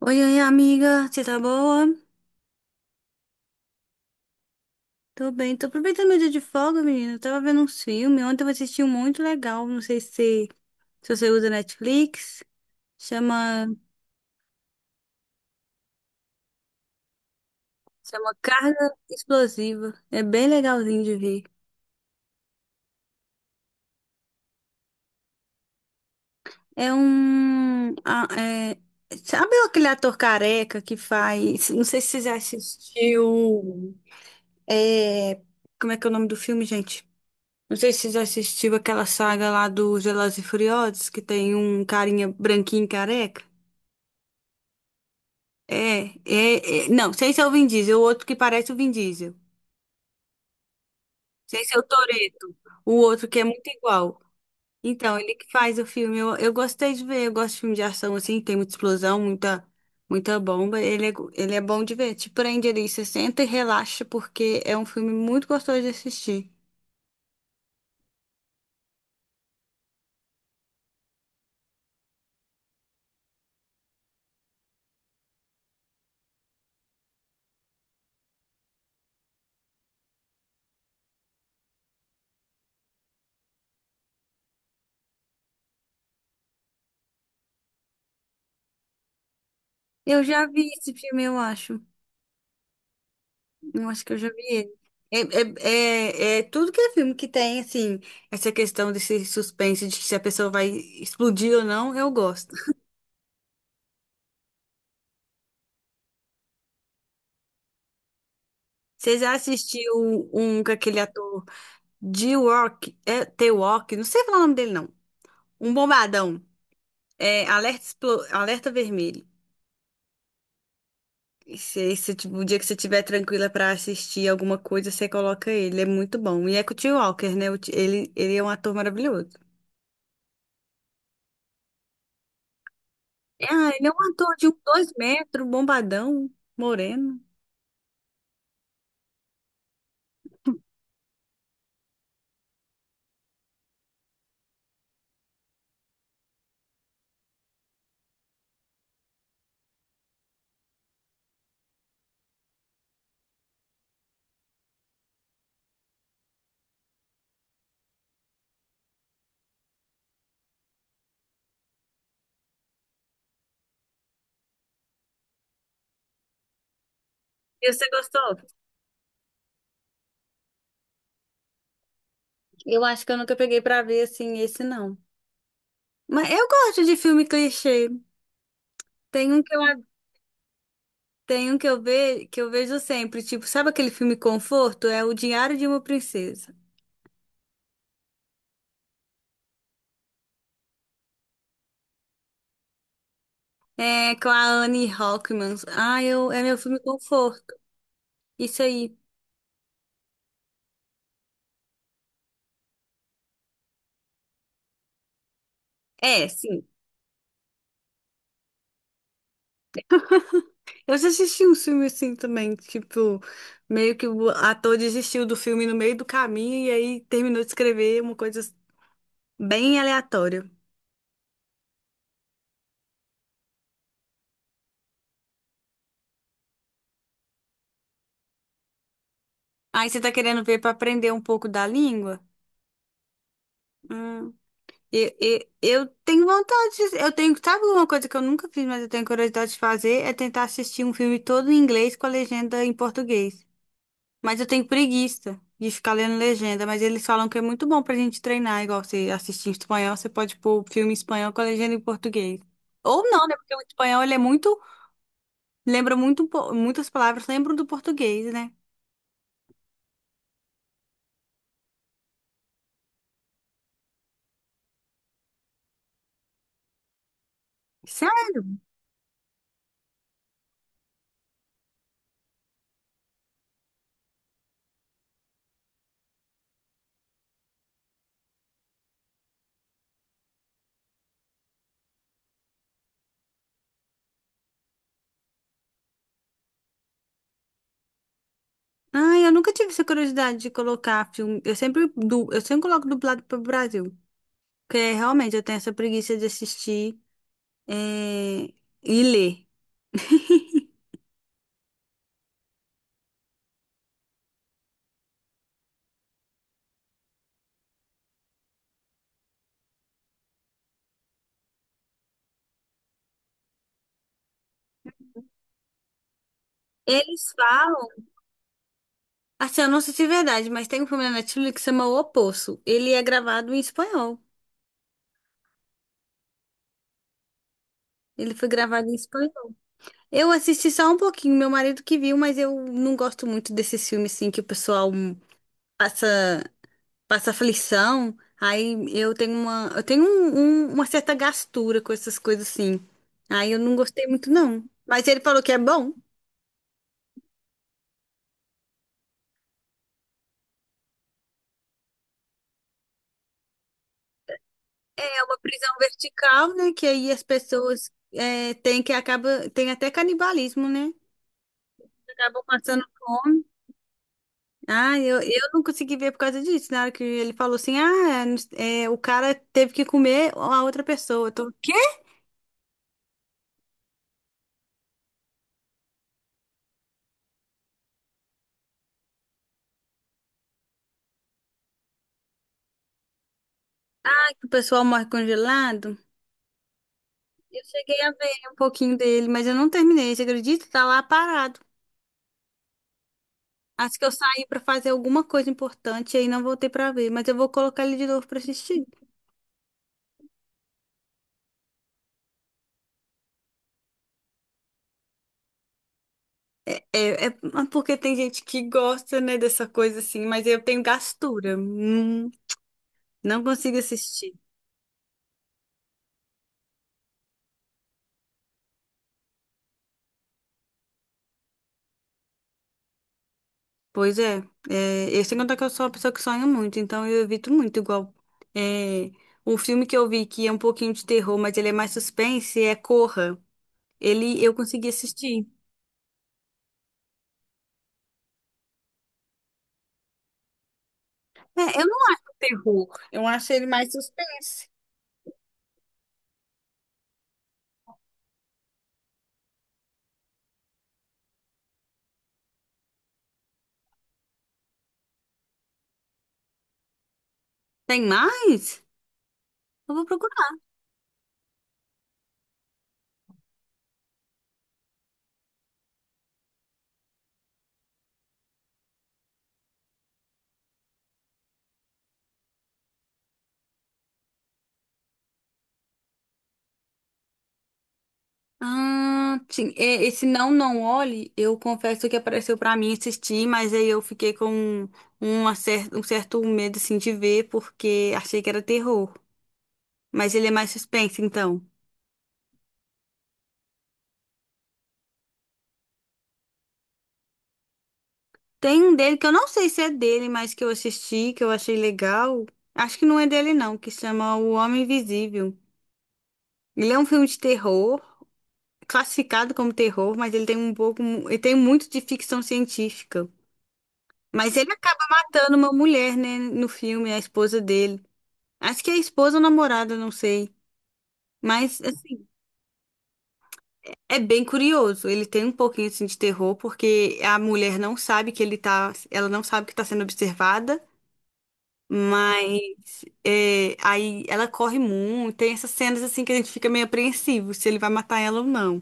Oi, oi, amiga, você tá boa? Tô bem, tô aproveitando meu dia de folga, menina. Eu tava vendo uns filmes, ontem eu assisti um muito legal, não sei se, se você usa Netflix, chama, chama Carga Explosiva, é bem legalzinho de ver. É um, é, sabe aquele ator careca que faz, não sei se você já assistiu, é, como é que é o nome do filme, gente? Não sei se você já assistiu aquela saga lá dos Velozes e Furiosos, que tem um carinha branquinho careca. Não, sei se é o Vin Diesel, o outro que parece o Vin Diesel. Sei se é o Toretto, o outro que é muito igual. Então, ele que faz o filme, eu gostei de ver, eu gosto de filme de ação assim, tem muita explosão, muita bomba. Ele é bom de ver, te prende ali, você senta e relaxa, porque é um filme muito gostoso de assistir. Eu já vi esse filme, eu acho. Eu acho que eu já vi ele. É, É tudo que é filme que tem, assim, essa questão desse suspense de se a pessoa vai explodir ou não, eu gosto. Você já assistiu um com aquele ator de Rock, é, The Rock, não sei falar o nome dele, não. Um bombadão. Alerta Vermelho. Se, tipo, o dia que você estiver tranquila pra assistir alguma coisa, você coloca ele. É muito bom. E é com o T. Walker, né? Ele, ele é um ator maravilhoso. Ah, ele é um ator de uns 2 metros, bombadão, moreno. E você gostou? Eu acho que eu nunca peguei pra ver assim esse não. Mas eu gosto de filme clichê. Tem um que eu, tem um que eu vejo sempre, tipo, sabe aquele filme conforto? É O Diário de uma Princesa. É com a Anne Hathaway. Ah, eu é meu filme conforto. Isso aí. É, sim. Eu já assisti um filme assim também, tipo, meio que o ator desistiu do filme no meio do caminho e aí terminou de escrever uma coisa bem aleatório. Aí você tá querendo ver para aprender um pouco da língua? Hum. Eu tenho vontade, eu tenho, sabe uma coisa que eu nunca fiz, mas eu tenho curiosidade de fazer, é tentar assistir um filme todo em inglês com a legenda em português. Mas eu tenho preguiça de ficar lendo legenda, mas eles falam que é muito bom pra gente treinar, igual você assistir em espanhol, você pode pôr o filme em espanhol com a legenda em português. Ou não, né? Porque o espanhol ele é muito, lembra muito, muitas palavras lembram do português, né? Ai, eu nunca tive essa curiosidade de colocar filme. Eu sempre coloco dublado pro Brasil. Porque realmente eu tenho essa preguiça de assistir é, e ler. Eles falam. Assim, eu não sei se é verdade, mas tem um filme na Netflix que se chama O Poço. Ele é gravado em espanhol. Ele foi gravado em espanhol. Eu assisti só um pouquinho, meu marido que viu, mas eu não gosto muito desses filmes assim que o pessoal passa. passa aflição. Aí eu tenho uma certa gastura com essas coisas assim. Aí eu não gostei muito, não. Mas ele falou que é bom. É uma prisão vertical, né? Que aí as pessoas é, têm que acaba, tem até canibalismo, né? Acabam passando fome. Ah, eu não consegui ver por causa disso. Na hora que ele falou assim, o cara teve que comer a outra pessoa. Eu tô, o quê? O pessoal morre congelado. Eu cheguei a ver um pouquinho dele, mas eu não terminei, você acredita? Tá lá parado. Acho que eu saí pra fazer alguma coisa importante e aí não voltei pra ver, mas eu vou colocar ele de novo pra assistir. É, é porque tem gente que gosta, né, dessa coisa assim, mas eu tenho gastura. Não consigo assistir. Pois é, é, eu sei contar que eu sou uma pessoa que sonha muito, então eu evito muito, igual. É, o filme que eu vi que é um pouquinho de terror, mas ele é mais suspense, é Corra. Ele eu consegui assistir. É, eu não acho terror, eu acho ele mais suspense. Tem mais? Eu vou procurar. Ah, sim. É, esse Não Não Olhe, eu confesso que apareceu pra mim assistir, mas aí eu fiquei com um certo medo assim, de ver, porque achei que era terror. Mas ele é mais suspense, então. Tem um dele que eu não sei se é dele, mas que eu assisti, que eu achei legal. Acho que não é dele, não, que chama O Homem Invisível. Ele é um filme de terror, classificado como terror, mas ele tem um pouco, ele tem muito de ficção científica. Mas ele acaba matando uma mulher, né, no filme, a esposa dele. Acho que é a esposa ou namorada, não sei. Mas, assim, é bem curioso. Ele tem um pouquinho, assim, de terror, porque a mulher não sabe que ele tá, ela não sabe que tá sendo observada. Mas é, aí ela corre muito, tem essas cenas assim que a gente fica meio apreensivo se ele vai matar ela ou não.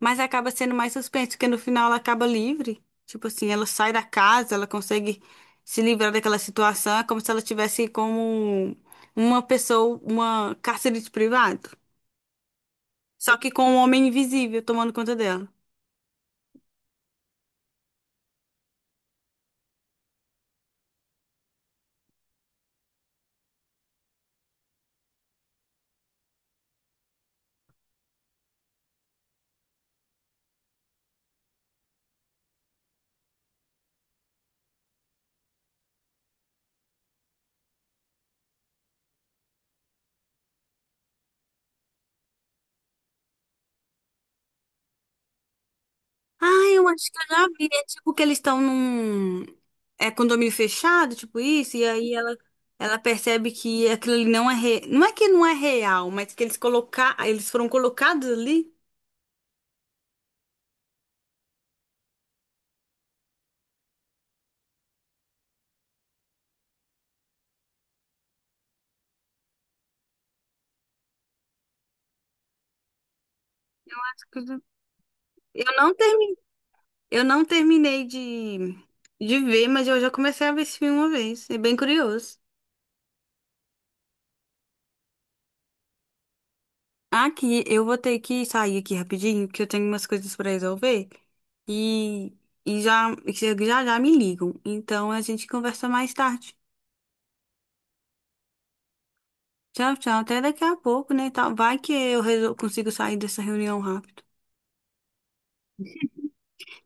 Mas acaba sendo mais suspense, porque no final ela acaba livre. Tipo assim, ela sai da casa, ela consegue se livrar daquela situação, é como se ela tivesse como uma pessoa, uma cárcere de privado. Só que com um homem invisível tomando conta dela. Ah, eu acho que eu já vi. É tipo que eles estão num é, condomínio fechado, tipo isso, e aí ela percebe que aquilo ali não é que não é real, mas que eles colocar eles foram colocados ali. Eu não termi... eu não terminei de ver, mas eu já comecei a ver esse filme uma vez. É bem curioso. Aqui, eu vou ter que sair aqui rapidinho, porque eu tenho umas coisas para resolver e, e já, já já me ligam. Então a gente conversa mais tarde. Tchau, tchau. Até daqui a pouco, né? Tá- Vai que eu resol- consigo sair dessa reunião rápido.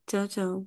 Tchau, tchau.